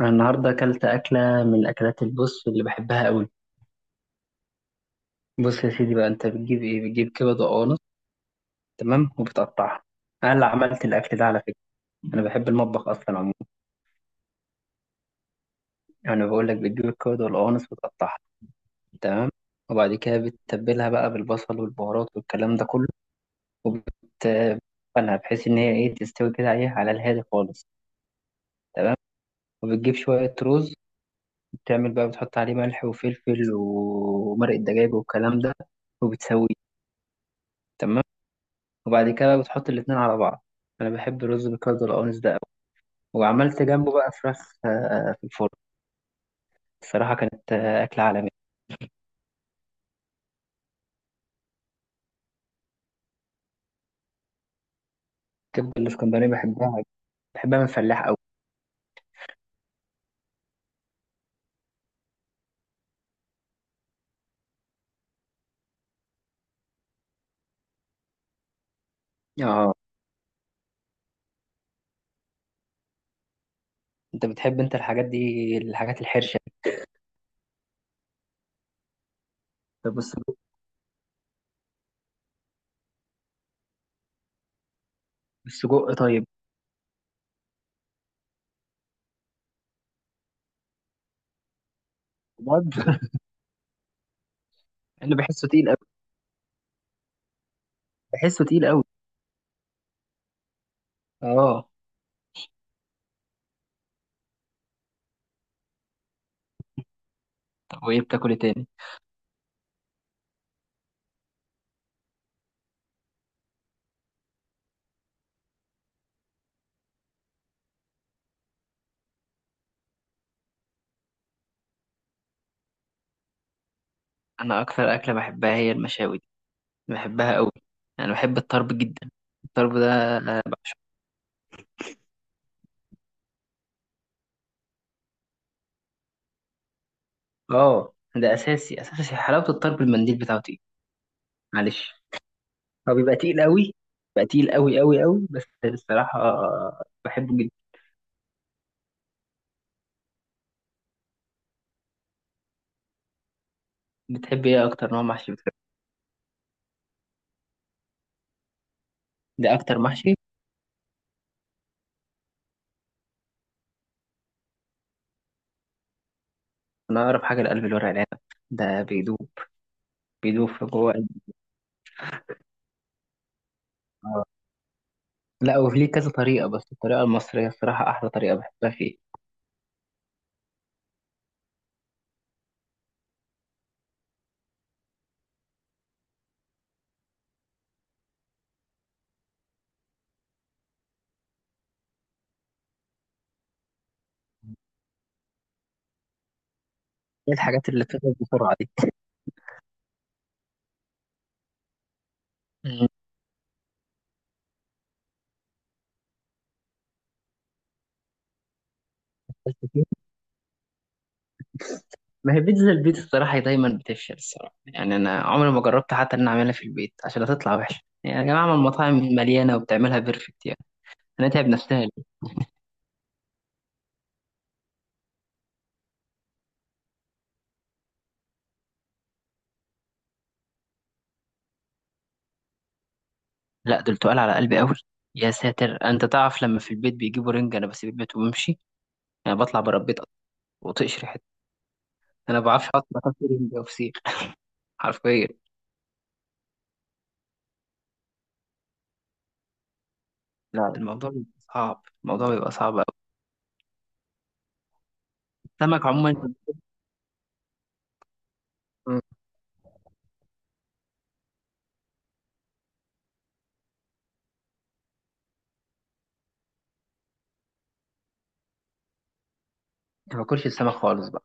أنا النهاردة أكلت أكلة من الأكلات البص اللي بحبها أوي. بص يا سيدي بقى، أنت بتجيب إيه؟ بتجيب كبد وقوانص، تمام، وبتقطعها. أنا اللي عملت الأكل ده على فكرة، أنا بحب المطبخ أصلا عموما. أنا بقول لك، بتجيب الكبد والقوانص وتقطعها، تمام، وبعد كده بتتبلها بقى بالبصل والبهارات والكلام ده كله، وبتقلها بحيث إن هي إيه تستوي كده إيه، على الهادي خالص. وبتجيب شوية رز، بتعمل بقى، بتحط عليه ملح وفلفل ومرق الدجاج والكلام ده، وبتسويه، تمام. وبعد كده بتحط الاتنين على بعض. انا بحب الرز بالكبده والقوانص ده قوي. وعملت جنبه بقى فراخ في الفرن. الصراحه كانت اكله عالميه. الكبده الاسكندراني بحبها، بحبها من فلاح قوي. اه، انت بتحب الحاجات دي، الحاجات الحرشه؟ طب السجق، السجق طيب؟ بجد انا بحسه تقيل قوي، بحسه تقيل قوي. اه. طب وايه بتاكل إيه تاني؟ انا اكثر اكله بحبها هي المشاوي دي، بحبها قوي. انا بحب الطرب جدا، الطرب ده. اه، ده اساسي اساسي، حلاوه الطرب المنديل بتاعته. معلش، هو بيبقى تقيل قوي، بيبقى تقيل قوي قوي قوي، بس الصراحة بحبه جدا. بتحب ايه اكتر نوع محشي بتحبه؟ ده اكتر محشي. انا اقرب حاجة لقلب الورق العنب، ده بيدوب، بيدوب في جوه قلبي. آه. لا، وفي ليه كذا طريقة، بس الطريقة المصرية الصراحة احلى طريقة بحبها فيه. ايه الحاجات اللي بتخلص بسرعة دي؟ مم. بس كده. ما هي بيتزا البيت الصراحة دايما بتفشل الصراحة، يعني أنا عمري ما جربت حتى إن أنا أعملها في البيت عشان هتطلع وحشة، يعني يا جماعة ما المطاعم مليانة وبتعملها بيرفكت يعني. هنتعب نفسنا. لا دول تقال على قلبي قوي. يا ساتر، انت تعرف لما في البيت بيجيبوا رنج انا بسيب البيت وبمشي، انا بطلع بره البيت وطقش ريحتها. انا ما بعرفش احط باكل رنج او فسيخ، حرفيا. لا الموضوع بيبقى صعب، الموضوع بيبقى صعب قوي. السمك عموما انت. ما باكلش السمك خالص بقى،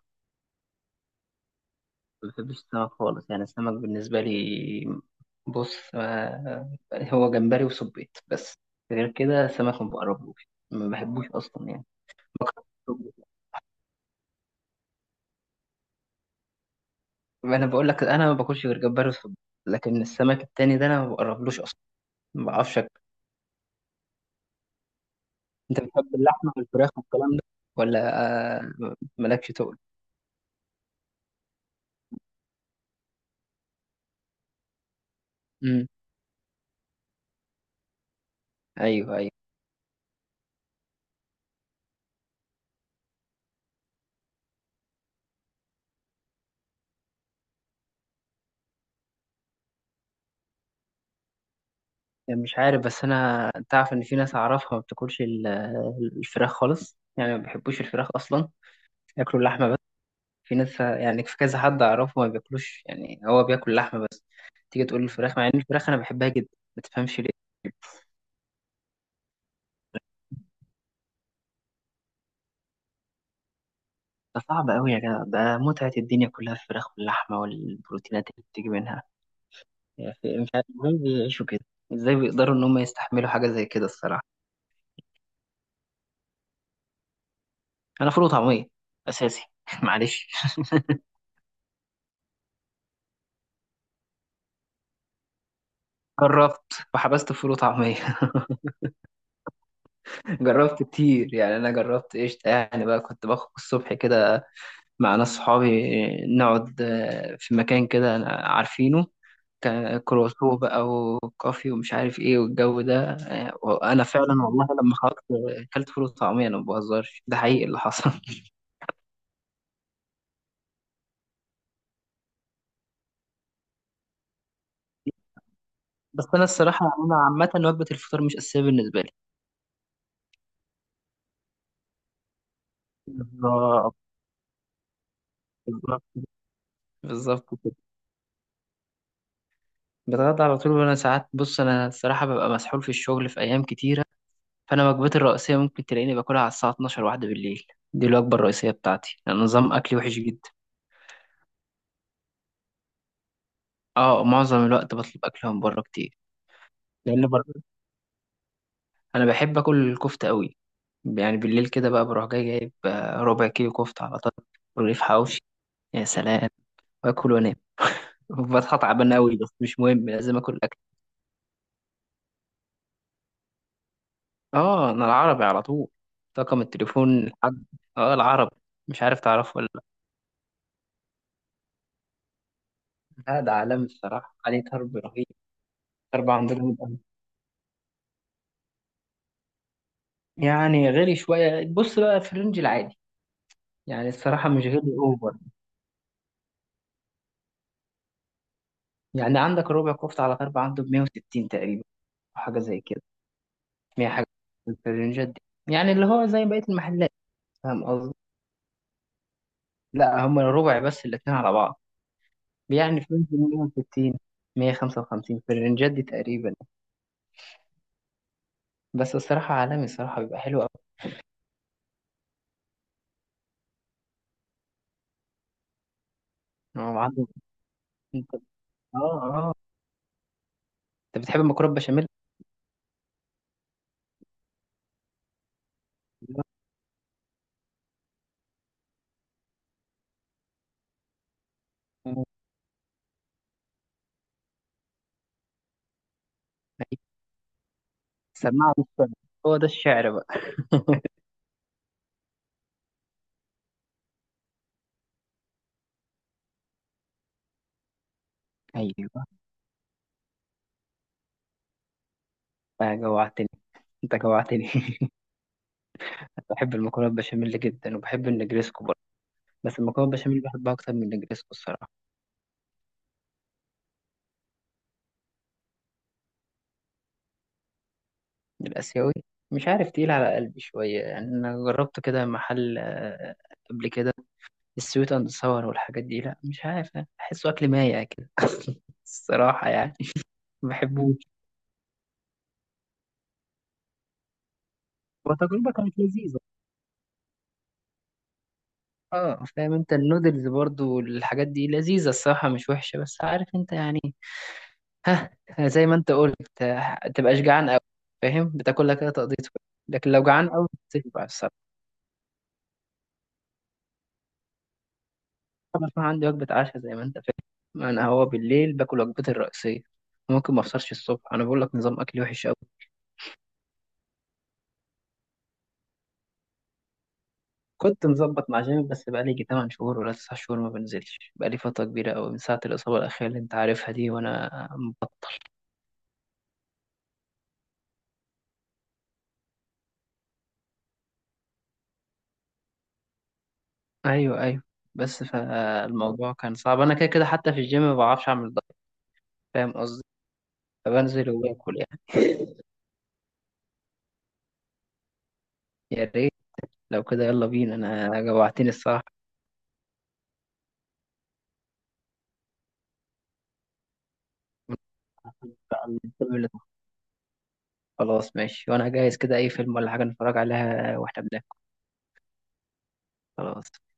ما بحبش السمك خالص، يعني السمك بالنسبه لي، بص هو جمبري وسبيط بس، غير كده السمك ما بقربوش ما بحبوش اصلا. يعني انا بقول لك، انا ما باكلش غير جمبري وصبيط، لكن السمك التاني ده انا ما بقربلوش اصلا، ما بعرفش أكل. انت بتحب اللحمه والفراخ والكلام ده ولا آه، مالكش تقول؟ امم. ايوه ايوه. يعني مش عارف، بس انا تعرف ان في ناس اعرفها ما بتاكلش الفراخ خالص، يعني ما بيحبوش الفراخ اصلا، ياكلوا اللحمه بس. في ناس، يعني في كذا حد اعرفه ما بياكلوش، يعني هو بياكل لحمه بس، تيجي تقول الفراخ، مع ان الفراخ انا بحبها جدا، ما تفهمش ليه. ده صعب أوي يا جدع، ده متعة الدنيا كلها في الفراخ واللحمة والبروتينات اللي بتيجي منها يعني. مش عارف ازاي بيعيشوا كده، ازاي بيقدروا إن هم يستحملوا حاجة زي كده الصراحة. أنا فول وطعمية أساسي معلش. جربت وحبست فول وطعمية جربت كتير، يعني أنا جربت قشطة يعني بقى، كنت باخد الصبح كده مع ناس صحابي، نقعد في مكان كده عارفينه، كروسو بقى وكافي ومش عارف ايه والجو ده وانا فعلا والله لما خرجت اكلت فول وطعمية، انا ما بهزرش، ده حقيقي اللي حصل بس انا الصراحة يعني انا عامة وجبة الفطار مش اساسية بالنسبة لي. بالظبط. بالظبط. بالظبط كده، بتغدى على طول. وانا ساعات، بص انا الصراحة ببقى مسحول في الشغل في ايام كتيرة، فانا وجبتي الرئيسية ممكن تلاقيني باكلها على الساعة 12 واحدة بالليل، دي الوجبة الرئيسية بتاعتي، لأن نظام اكلي وحش جدا. اه، معظم الوقت بطلب اكل من بره كتير. لان بر- انا بحب اكل الكفته قوي، يعني بالليل كده بقى بروح جاي جايب ربع كيلو كفته على طول ورغيف حواوشي، يا سلام، واكل وانام. بصحى تعبان قوي بس مش مهم، لازم اكل اكل. اه، انا العربي على طول، طاقم التليفون لحد. اه العربي. مش عارف تعرفه ولا؟ لا ده عالمي الصراحه، عليه ضرب رهيب. ضرب عندنا جامد أوي. يعني غالي شويه، بص بقى في الرينج العادي، يعني الصراحه مش غالي اوفر. يعني عندك ربع كفته على ضرب عنده ب 160 تقريبا، أو حاجه زي كده، 100 حاجة، في الرينجات دي، يعني اللي هو زي بقية المحلات، فاهم قصدي؟ لا هم الربع بس، الاتنين على بعض. يعني في رينج 160، 155، في الرينجات دي تقريبا. بس الصراحة عالمي الصراحة بيبقى حلو أوي. هو عنده أنت. اه. اه. أنت بتحب المكرونة بشاميل؟ أيوة. سماعة مش سامع. هو ده الشعر بقى أيوه. بقى جوعتني، أنت جوعتني بحب المكرونة بشاميل جدا وبحب النجريسكو برضه، بس المكرونة بشاميل بحبها أكتر من النجريسكو الصراحة. الآسيوي؟ مش عارف، تقيل على قلبي شوية، يعني أنا جربت كده محل قبل كده، السويت أند ساور والحاجات دي، لا مش عارف، أحسه أكل مايع كده الصراحة يعني ما بحبوش. وتجربة كانت لذيذة. اه فاهم، انت النودلز برضو والحاجات دي لذيذة الصراحة، مش وحشة، بس عارف انت يعني، ها، زي ما انت قلت تبقاش جعان أوي، فاهم، بتاكلها كده تقضيتك، لكن لو جعان أوي بتشبع. انا بقى عندي وجبه عشاء زي ما انت فاهم، انا هو بالليل باكل وجبتي الرئيسيه، ممكن ما افطرش الصبح، انا بقول لك نظام اكلي وحش قوي. كنت مظبط مع جيم، بس بقى لي يجي 8 شهور ولا 9 شهور ما بنزلش، بقى لي فتره كبيره قوي من ساعه الاصابه الاخيره اللي انت عارفها دي، وانا مبطل. ايوه ايوه. بس فالموضوع كان صعب، انا كده كده حتى في الجيم ما بعرفش اعمل دايت، فاهم قصدي؟ فبنزل وباكل يعني. يا ريت، لو كده يلا بينا، انا جوعتني الصراحه بقى. خلاص ماشي، وانا جاهز كده، اي فيلم ولا حاجة نتفرج عليها واحنا بناكل. خلاص.